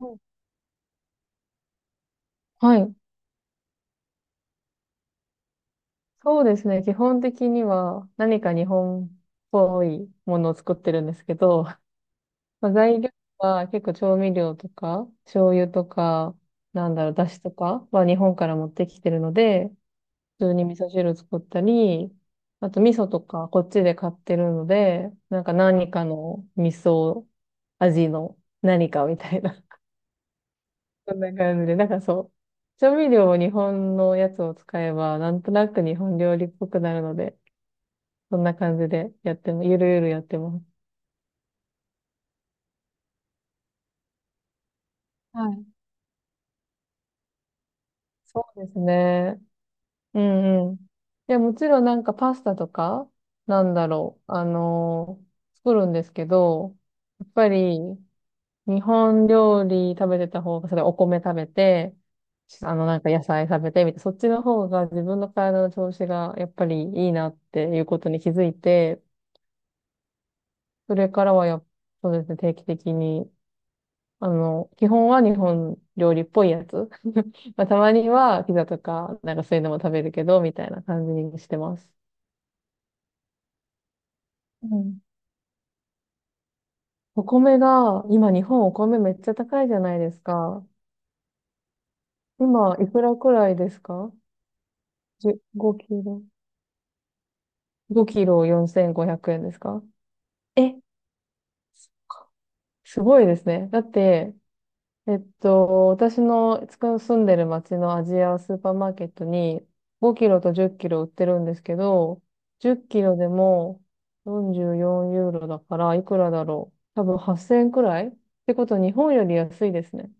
うんはい。そうですね。基本的には何か日本っぽいものを作ってるんですけど、まあ、材料は結構調味料とか、醤油とか、だしとかは日本から持ってきてるので、普通に味噌汁作ったり、あと味噌とかこっちで買ってるので、なんか何かの味噌味の何かみたいな、そんな感じで、なんかそう、調味料を日本のやつを使えば、なんとなく日本料理っぽくなるので、そんな感じでやっても、ゆるゆるやってます。はい。そうですね。うんうん。いや、もちろんなんかパスタとか、なんだろう、あのー作るんですけど、やっぱり日本料理食べてた方が、それお米食べて、なんか野菜食べてみたいな、そっちの方が自分の体の調子がやっぱりいいなっていうことに気づいて、それからはやっ、そうですね、定期的に基本は日本料理っぽいやつ。まあ、たまにはピザとか、なんかそういうのも食べるけど、みたいな感じにしてます。うん。お米が、今日本お米めっちゃ高いじゃないですか。今、いくらくらいですか？5キロ。5キロ4500円ですか？え、すごいですね。だって、私の住んでる町のアジアスーパーマーケットに5キロと10キロ売ってるんですけど、10キロでも44ユーロだからいくらだろう。多分8000円くらいってこと日本より安いですね。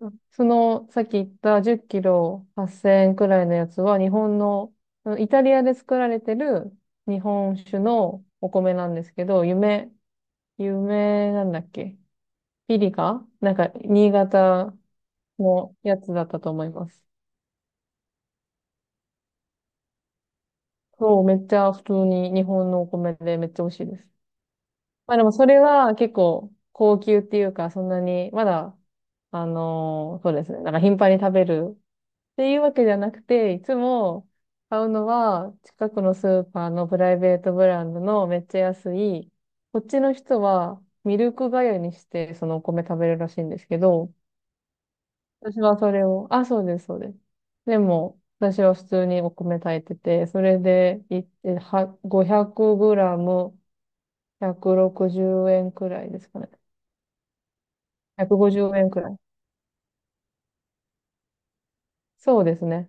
うん、そのさっき言った10キロ8000円くらいのやつは日本の、イタリアで作られてる日本酒のお米なんですけど、夢なんだっけ、ピリカ、なんか新潟のやつだったと思います。そう、めっちゃ普通に日本のお米でめっちゃ美味しいです。まあでもそれは結構高級っていうか、そんなに、まだ、そうですね。なんか頻繁に食べるっていうわけじゃなくて、いつも買うのは近くのスーパーのプライベートブランドのめっちゃ安い、こっちの人はミルク粥にしてそのお米食べるらしいんですけど、私はそれを、あ、そうです、そうです。でも、私は普通にお米炊いてて、それでい、500グラム160円くろくじゅうえんくらいですかね。150円くごじゅうえんくらい。そうですね。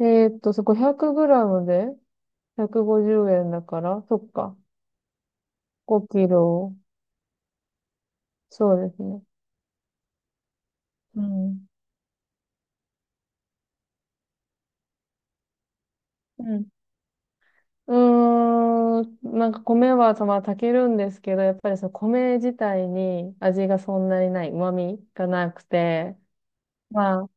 500グラムで150円だから、そっか。5キロ。そうですね。うん。うん。うーん、なんか米はたまあ炊けるんですけど、やっぱりその米自体に味がそんなにない、旨味がなくて、まあ、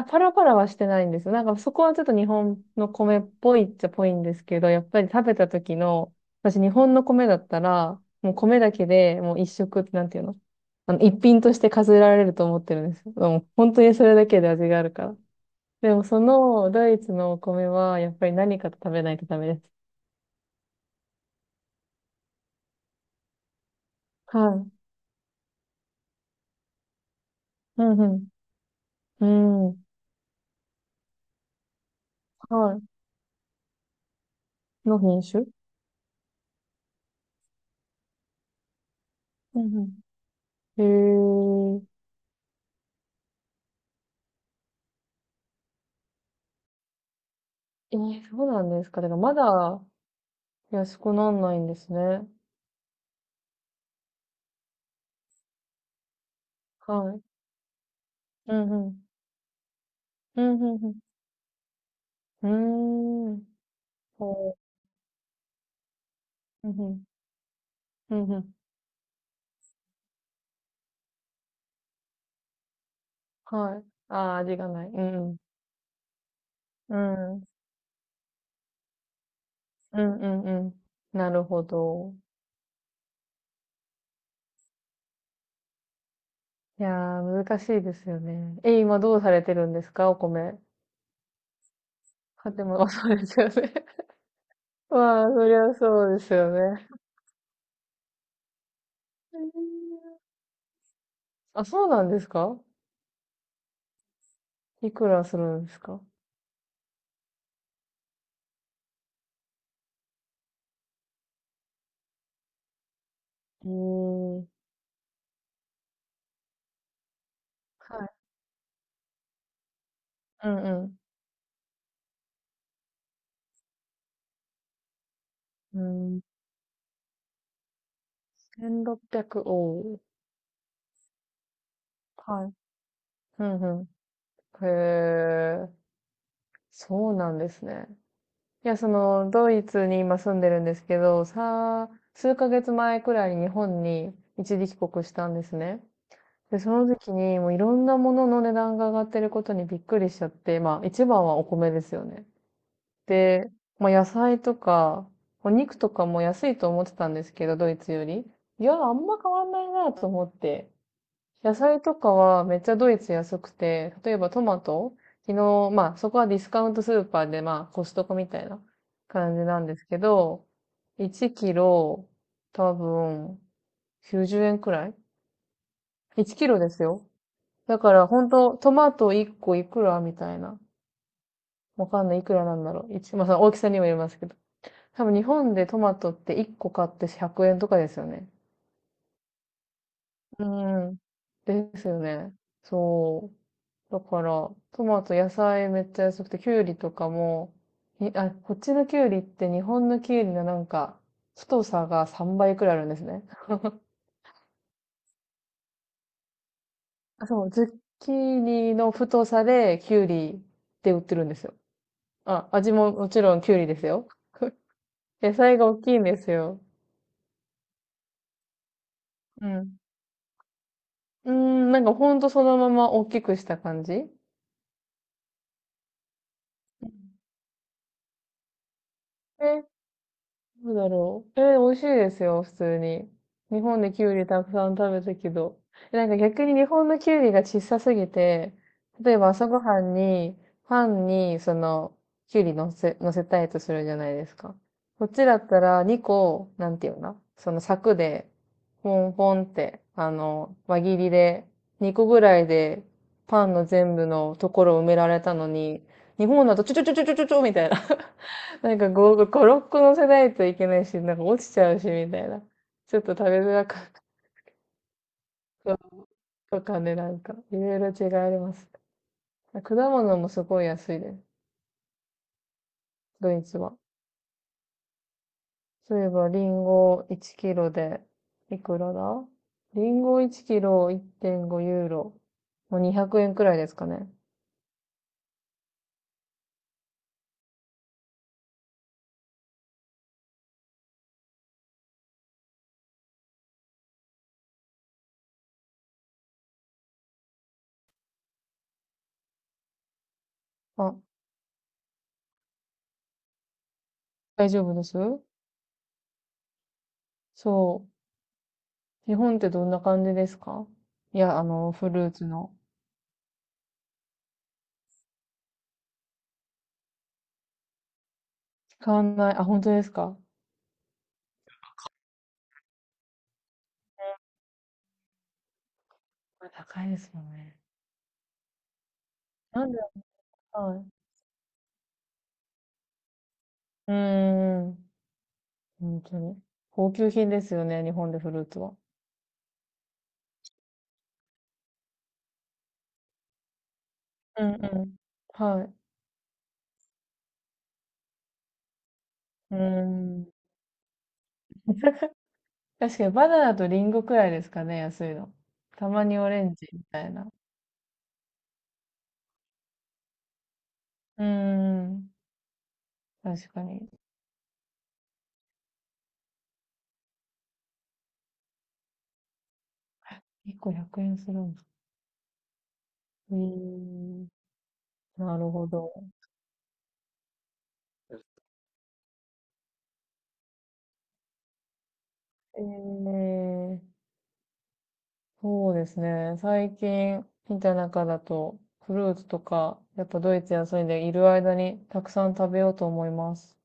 あ、パラパラはしてないんですよ。なんかそこはちょっと日本の米っぽいっちゃぽいんですけど、やっぱり食べた時の、私日本の米だったら、もう米だけでもう一食、なんていうの、一品として数えられると思ってるんですよ。もう本当にそれだけで味があるから。でもそのドイツのお米はやっぱり何かと食べないとダメです。はい。うんうん。うん。はい。の品種。うんうん。へえ。えー、そうなんですか。だからまだ、安くなんないんですね。はい。うんうん。うんうんうん。うーん。ほう。うんうん。うんうん。はい。ああ、味がない。うんうん。うん。うんうんうん。なるほど。いやー、難しいですよね。え、今どうされてるんですか、お米？買っても、あ、そうですよね。まあ、そりゃそうですよね。えー、あ、そうなんですか？いくらするんですか？えー、はい。うんうん。うん、1600、おー、はい。うんうん。へえ、そうなんですね。いや、ドイツに今住んでるんですけど、数ヶ月前くらいに日本に一時帰国したんですね。で、その時にもういろんなものの値段が上がってることにびっくりしちゃって、まあ一番はお米ですよね。で、まあ野菜とか、お肉とかも安いと思ってたんですけど、ドイツより。いや、あんま変わんないなと思って。野菜とかはめっちゃドイツ安くて、例えばトマト、昨日、まあそこはディスカウントスーパーでまあコストコみたいな感じなんですけど、1キロ多分90円くらい？ 1 キロですよ。だから本当トマト1個いくらみたいな。わかんない、いくらなんだろう。まあその大きさにもよりますけど。多分日本でトマトって1個買って100円とかですよね。うん。ですよね。そう。だから、トマト、野菜めっちゃ安くて、きゅうりとかも、こっちのきゅうりって日本のきゅうりのなんか、太さが3倍くらいあるんですね。あ、そう、ズッキーニの太さできゅうりって売ってるんですよ。あ、味ももちろんきゅうりですよ。野菜が大きいんですよ。うん。うーん、なんかほんとそのまま大きくした感じ。で、どうだろう。えー、美味しいですよ、普通に。日本でキュウリたくさん食べたけど。なんか逆に日本のキュウリが小さすぎて、例えば朝ごはんに、パンに、その、キュウリ乗せ、乗せたいとするじゃないですか。こっちだったら2個、なんていうの、その柵で、ポンポンって、輪切りで、2個ぐらいで、パンの全部のところを埋められたのに、日本だとちょちょちょちょちょちょみたいな。なんか5、5、6個乗せないといけないし、なんか落ちちゃうし、みたいな。ちょっと食べづらかったとかね、なんか、いろいろ違いあります。果物もすごい安いです。ドイツは。そういえば、リンゴ1キロで、いくらだ、リンゴ1キロ1.5ユーロ。もう200円くえんくらいですかね。あ、大丈夫です。そう。日本ってどんな感じですか？いや、フルーツの。使わない。あ、本当ですか？これ高いですよね。なんで、はい。うーん。本当に。高級品ですよね、日本でフルーツは。うんうん。はい。うーん。確かにバナナとリンゴくらいですかね、安いの。たまにオレンジみたいな。うーん。確かに。1個100円するんだ。うーん。なるほど。ええ、そうですね。最近見た中だと、フルーツとか、やっぱドイツ安いんでいる間にたくさん食べようと思います。